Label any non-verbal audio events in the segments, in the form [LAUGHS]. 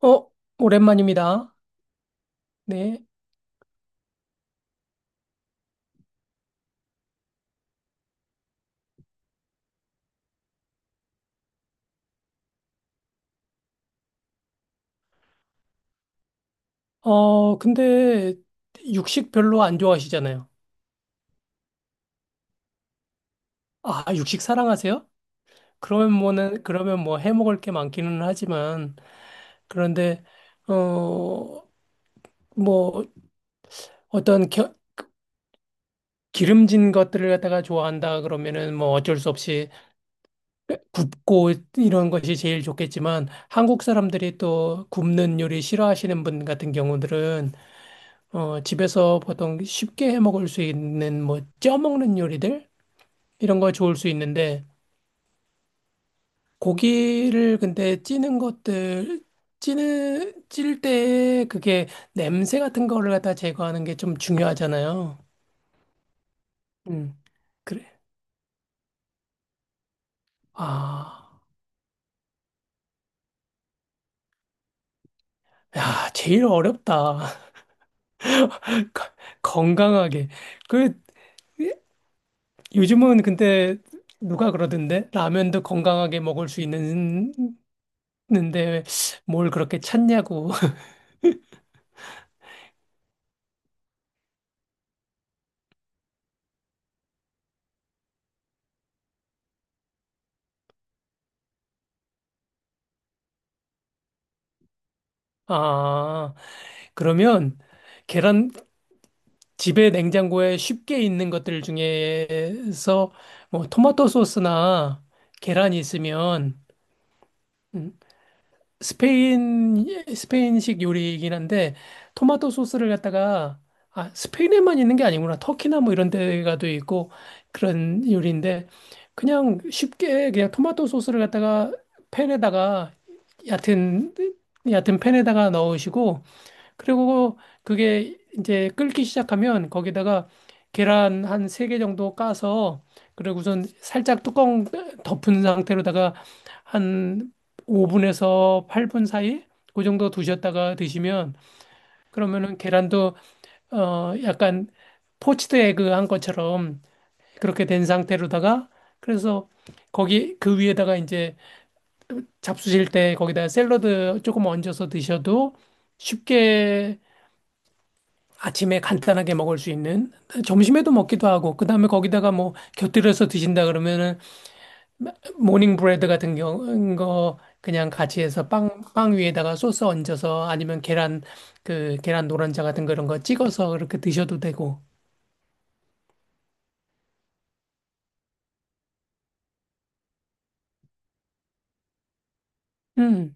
어, 오랜만입니다. 네. 근데 육식 별로 안 좋아하시잖아요. 아, 육식 사랑하세요? 그러면 그러면 뭐 해 먹을 게 많기는 하지만, 그런데, 어, 뭐 어떤 겨- 기름진 것들을 갖다가 좋아한다 그러면은 뭐 어쩔 수 없이 굽고 이런 것이 제일 좋겠지만, 한국 사람들이 또 굽는 요리 싫어하시는 분 같은 경우들은 집에서 보통 쉽게 해 먹을 수 있는 뭐 쪄먹는 요리들 이런 거 좋을 수 있는데 고기를 근데 찌는 것들 찌는 찔 때 그게 냄새 같은 거를 갖다 제거하는 게 좀 중요하잖아요. 음. 그래. 아. 야, 제일 어렵다. [LAUGHS] 거- 건강하게. 그 요즘은 근데 누가 그러던데 라면도 건강하게 먹을 수 있는 는데 뭘 그렇게 찾냐고. [LAUGHS] 아. 그러면 계란 집에 냉장고에 쉽게 있는 것들 중에서 뭐 토마토 소스나 계란이 있으면, 음, 스페인 스페인식 요리이긴 한데 토마토 소스를 갖다가, 아 스페인에만 있는 게 아니구나, 터키나 뭐 이런 데가도 있고, 그런 요리인데 그냥 쉽게 그냥 토마토 소스를 갖다가 팬에다가 얕은 얕은 팬에다가 넣으시고, 그리고 그게 이제 끓기 시작하면 거기다가 계란 한 세 개 정도 까서 그리고 우선 살짝 뚜껑 덮은 상태로다가 한 5분에서 8분 사이 그 정도 두셨다가 드시면, 그러면은 계란도 약간 포치드 에그 한 것처럼 그렇게 된 상태로다가. 그래서 거기 그 위에다가 이제 잡수실 때 거기다 샐러드 조금 얹어서 드셔도 쉽게 아침에 간단하게 먹을 수 있는, 점심에도 먹기도 하고 그다음에 거기다가 뭐 곁들여서 드신다 그러면은 모닝 브레드 같은 경우 거 그냥 같이 해서 빵 위에다가 소스 얹어서, 아니면 계란 그 계란 노른자 같은 그런 거 찍어서 그렇게 드셔도 되고. 음,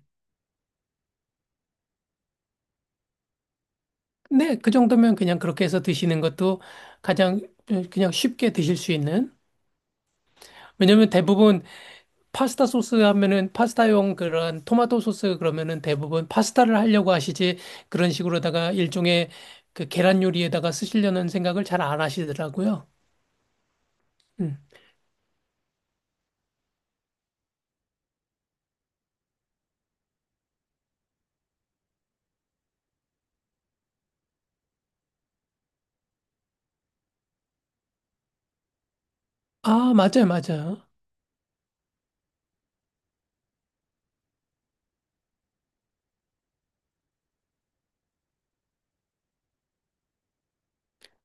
네 그 정도면 그냥 그렇게 해서 드시는 것도 가장, 그냥 쉽게 드실 수 있는. 왜냐면 대부분 파스타 소스 하면은 파스타용 그런 토마토 소스 그러면은 대부분 파스타를 하려고 하시지 그런 식으로다가 일종의 그 계란 요리에다가 쓰시려는 생각을 잘 안 하시더라고요. 음. 아, 맞아요, 맞아요.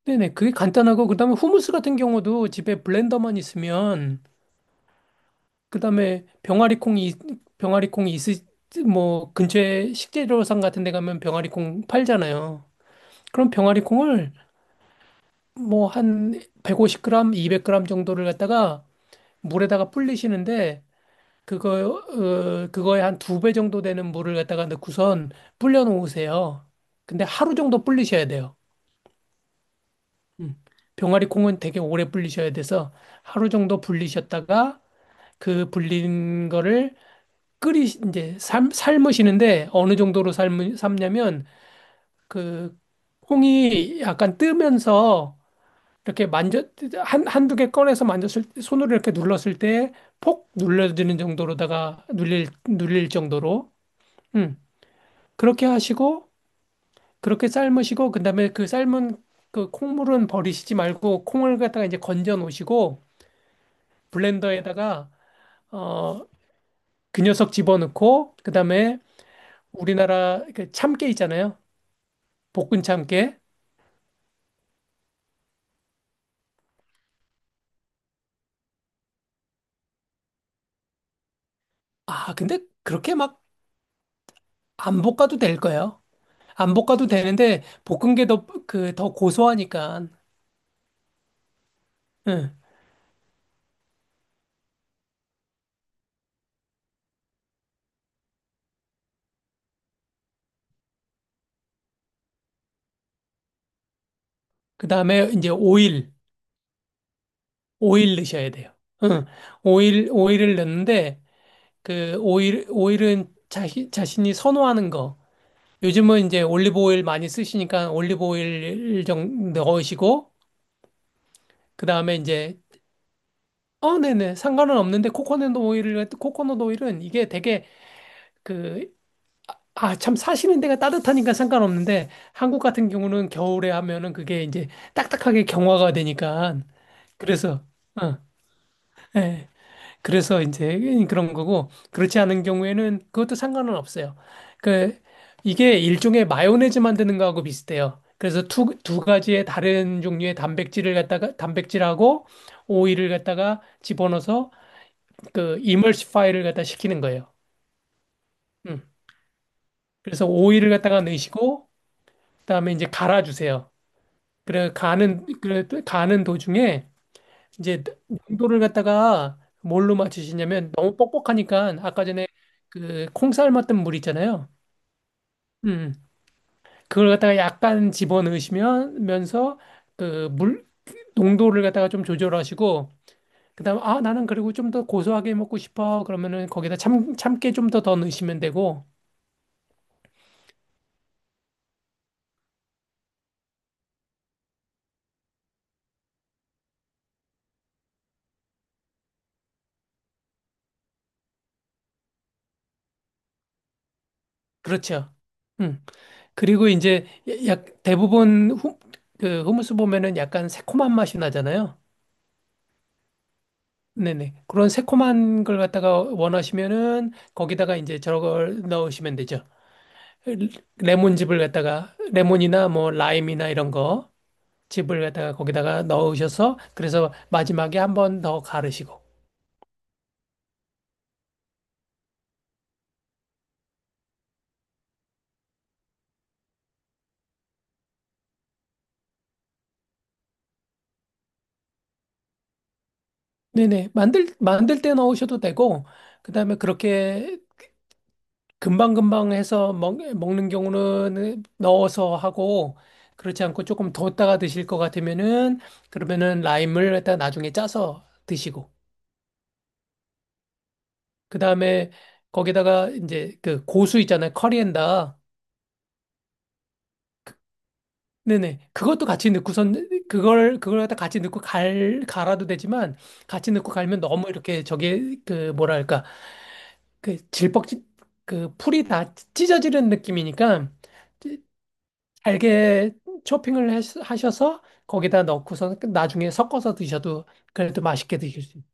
네네. 그게 간단하고 그다음에 후무스 같은 경우도 집에 블렌더만 있으면, 그다음에 병아리콩이 있으 뭐 근처에 식재료상 같은 데 가면 병아리콩 팔잖아요. 그럼 병아리콩을 뭐 한 150g, 200g 정도를 갖다가 물에다가 불리시는데, 그거 그거에 한 두 배 정도 되는 물을 갖다가 넣고선 불려 놓으세요. 근데 하루 정도 불리셔야 돼요. 음. 병아리 콩은 되게 오래 불리셔야 돼서 하루 정도 불리셨다가 그 불린 거를 끓이 이제 삶 삶으시는데 어느 정도로 삶 삶냐면, 그 콩이 약간 뜨면서 이렇게 만져 한 한두 개 꺼내서 만졌을 때 손으로 이렇게 눌렀을 때 폭 눌러지는 정도로다가 눌릴 정도로. 음. 그렇게 하시고 그렇게 삶으시고 그다음에 그 삶은 그 콩물은 버리시지 말고 콩을 갖다가 이제 건져 놓으시고 블렌더에다가 어 그 녀석 집어넣고, 그다음에 우리나라 그 참깨 있잖아요, 볶은 참깨. 아 근데 그렇게 막 안 볶아도 될 거예요. 안 볶아도 되는데 볶은 게 더 고소하니까. 응. 그 다음에 이제 오일, 오일 넣으셔야 돼요. 응. 오일을 넣는데, 그 오일은 자신이 선호하는 거. 요즘은 이제 올리브 오일 많이 쓰시니까 올리브 오일 좀 넣으시고, 그 다음에 이제, 네네. 상관은 없는데, 코코넛 오일은 이게 되게 그, 아, 참 사시는 데가 따뜻하니까 상관없는데, 한국 같은 경우는 겨울에 하면은 그게 이제 딱딱하게 경화가 되니까, 그래서, 어, 예. 그래서 이제 그런 거고 그렇지 않은 경우에는 그것도 상관은 없어요. 그 이게 일종의 마요네즈 만드는 거하고 비슷해요. 그래서 두 가지의 다른 종류의 단백질을 갖다가 단백질하고 오일을 갖다가 집어넣어서 그 이머시파이를 갖다 시키는 거예요. 음. 그래서 오일을 갖다가 넣으시고 그다음에 이제 갈아주세요. 그래 가는 도중에 이제 농도를 갖다가 뭘로 맞추시냐면 너무 뻑뻑하니까 아까 전에 그 콩쌀 맞던 물 있잖아요. 음, 그걸 갖다가 약간 집어넣으시면서 그 물 농도를 갖다가 좀 조절하시고, 그다음 아 나는 그리고 좀 더 고소하게 먹고 싶어 그러면은 거기다 참 참깨 좀 더 넣으시면 되고. 그렇죠. 음. 그리고 이제 약 대부분 후, 그 후무스 보면은 약간 새콤한 맛이 나잖아요. 네네. 그런 새콤한 걸 갖다가 원하시면은 거기다가 이제 저걸 넣으시면 되죠. 레몬즙을 갖다가 레몬이나 뭐 라임이나 이런 거 즙을 갖다가 거기다가 넣으셔서 그래서 마지막에 한번 더 갈으시고. 네네. 만들 때 넣으셔도 되고, 그다음에 그렇게 금방금방 해서 먹는 경우는 넣어서 하고, 그렇지 않고 조금 뒀다가 드실 것 같으면은 그러면은 라임을 갖다 나중에 짜서 드시고. 그 다음에 거기다가 이제 그 고수 있잖아요, 커리엔다. 네네. 그것도 같이 넣고선 그걸 갖다 같이 넣고 갈 갈아도 되지만 같이 넣고 갈면 너무 이렇게 저게 그 뭐랄까 그 질퍽지 그 풀이 다 찢어지는 느낌이니까 찌- 잘게 초핑을 하셔서 거기다 넣고선 그 나중에 섞어서 드셔도 그래도 맛있게 드실 수 있어요.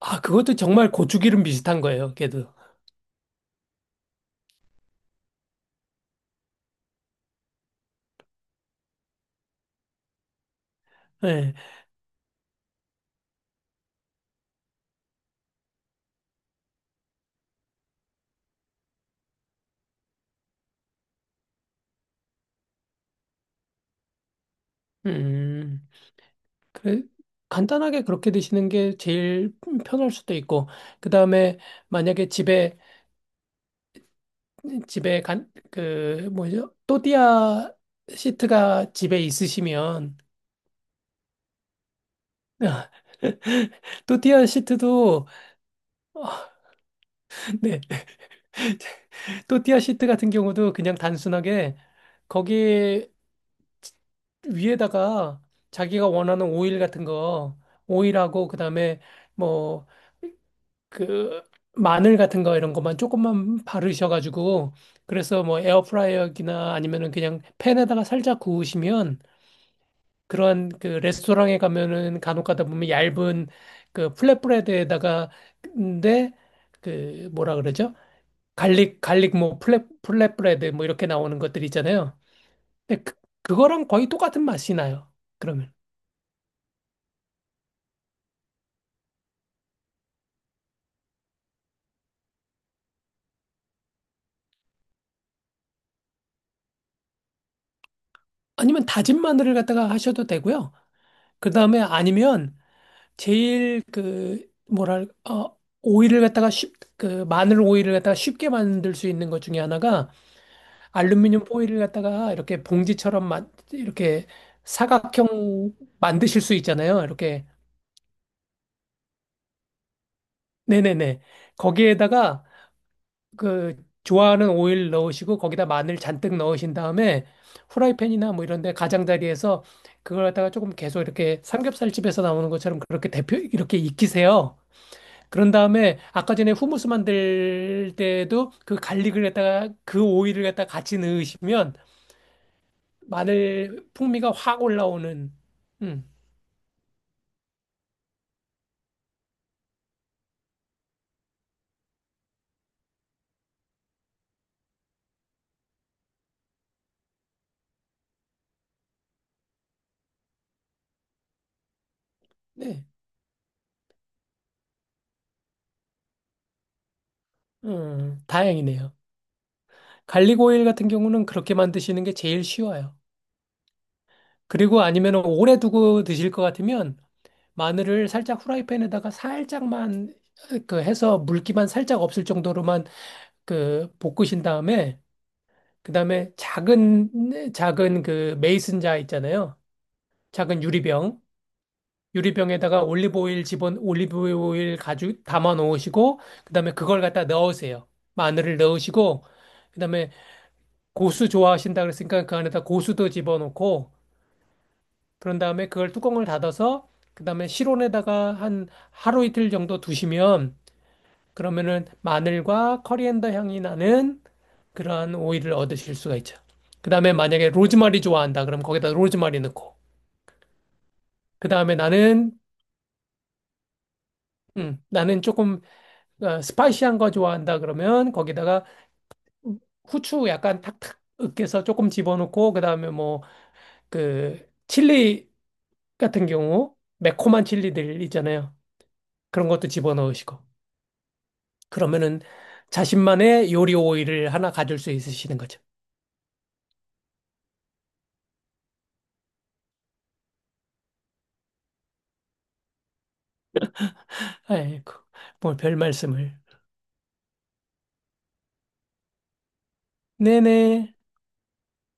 아, 그것도 정말 고추기름 비슷한 거예요. 걔도. 네. 음. 그래, 간단하게 그렇게 드시는 게 제일 편할 수도 있고, 그 다음에 만약에 집에, 뭐죠? 또띠아 시트가 집에 있으시면, [LAUGHS] 또띠아 시트도, [LAUGHS] 네, 또띠아 시트 같은 경우도 그냥 단순하게 거기 위에다가 자기가 원하는 오일 같은 거, 오일하고 그다음에 뭐 그 마늘 같은 거 이런 것만 조금만 바르셔가지고 그래서 뭐 에어프라이어기나 아니면은 그냥 팬에다가 살짝 구우시면, 그런 그 레스토랑에 가면은 간혹 가다 보면 얇은 그 플랫브레드에다가, 근데 그 뭐라 그러죠? 갈릭 뭐 플랫브레드 뭐 이렇게 나오는 것들 있잖아요. 근데 그거랑 거의 똑같은 맛이 나요. 그러면. 아니면 다진 마늘을 갖다가 하셔도 되고요. 그 다음에 아니면 제일 그 뭐랄 어 오일을 갖다가 쉽그 마늘 오일을 갖다가 쉽게 만들 수 있는 것 중에 하나가 알루미늄 포일을 갖다가 이렇게 봉지처럼 만 이렇게 사각형 만드실 수 있잖아요, 이렇게. 네네네. 거기에다가 그 좋아하는 오일 넣으시고 거기다 마늘 잔뜩 넣으신 다음에 후라이팬이나 뭐 이런 데 가장자리에서 그걸 갖다가 조금 계속 이렇게 삼겹살집에서 나오는 것처럼 그렇게 대표 이렇게 익히세요. 그런 다음에 아까 전에 후무스 만들 때도 그 갈릭을 갖다가 그 오일을 갖다가 같이 넣으시면 마늘 풍미가 확 올라오는. 음. 네. 다행이네요. 갈릭 오일 같은 경우는 그렇게 만드시는 게 제일 쉬워요. 그리고 아니면 오래 두고 드실 것 같으면 마늘을 살짝 후라이팬에다가 살짝만 그 해서 물기만 살짝 없을 정도로만 그 볶으신 다음에 그다음에 작은 그 메이슨 자 있잖아요, 작은 유리병, 유리병에다가 올리브오일 가죽 담아 놓으시고, 그다음에 그걸 갖다 넣으세요. 마늘을 넣으시고, 그다음에 고수 좋아하신다 그랬으니까 그 안에다 고수도 집어넣고, 그런 다음에 그걸 뚜껑을 닫아서, 그다음에 실온에다가 한 하루 이틀 정도 두시면, 그러면은 마늘과 커리앤더 향이 나는 그러한 오일을 얻으실 수가 있죠. 그다음에 만약에 로즈마리 좋아한다 그럼 거기다 로즈마리 넣고, 그다음에 나는 음, 나는 조금 스파이시한 거 좋아한다 그러면 거기다가 후추 약간 탁탁 으깨서 조금 집어넣고 그다음에 뭐 그 칠리 같은 경우 매콤한 칠리들 있잖아요. 그런 것도 집어넣으시고 그러면은 자신만의 요리 오일을 하나 가질 수 있으시는 거죠. 아이고 뭐 별 말씀을. 네네.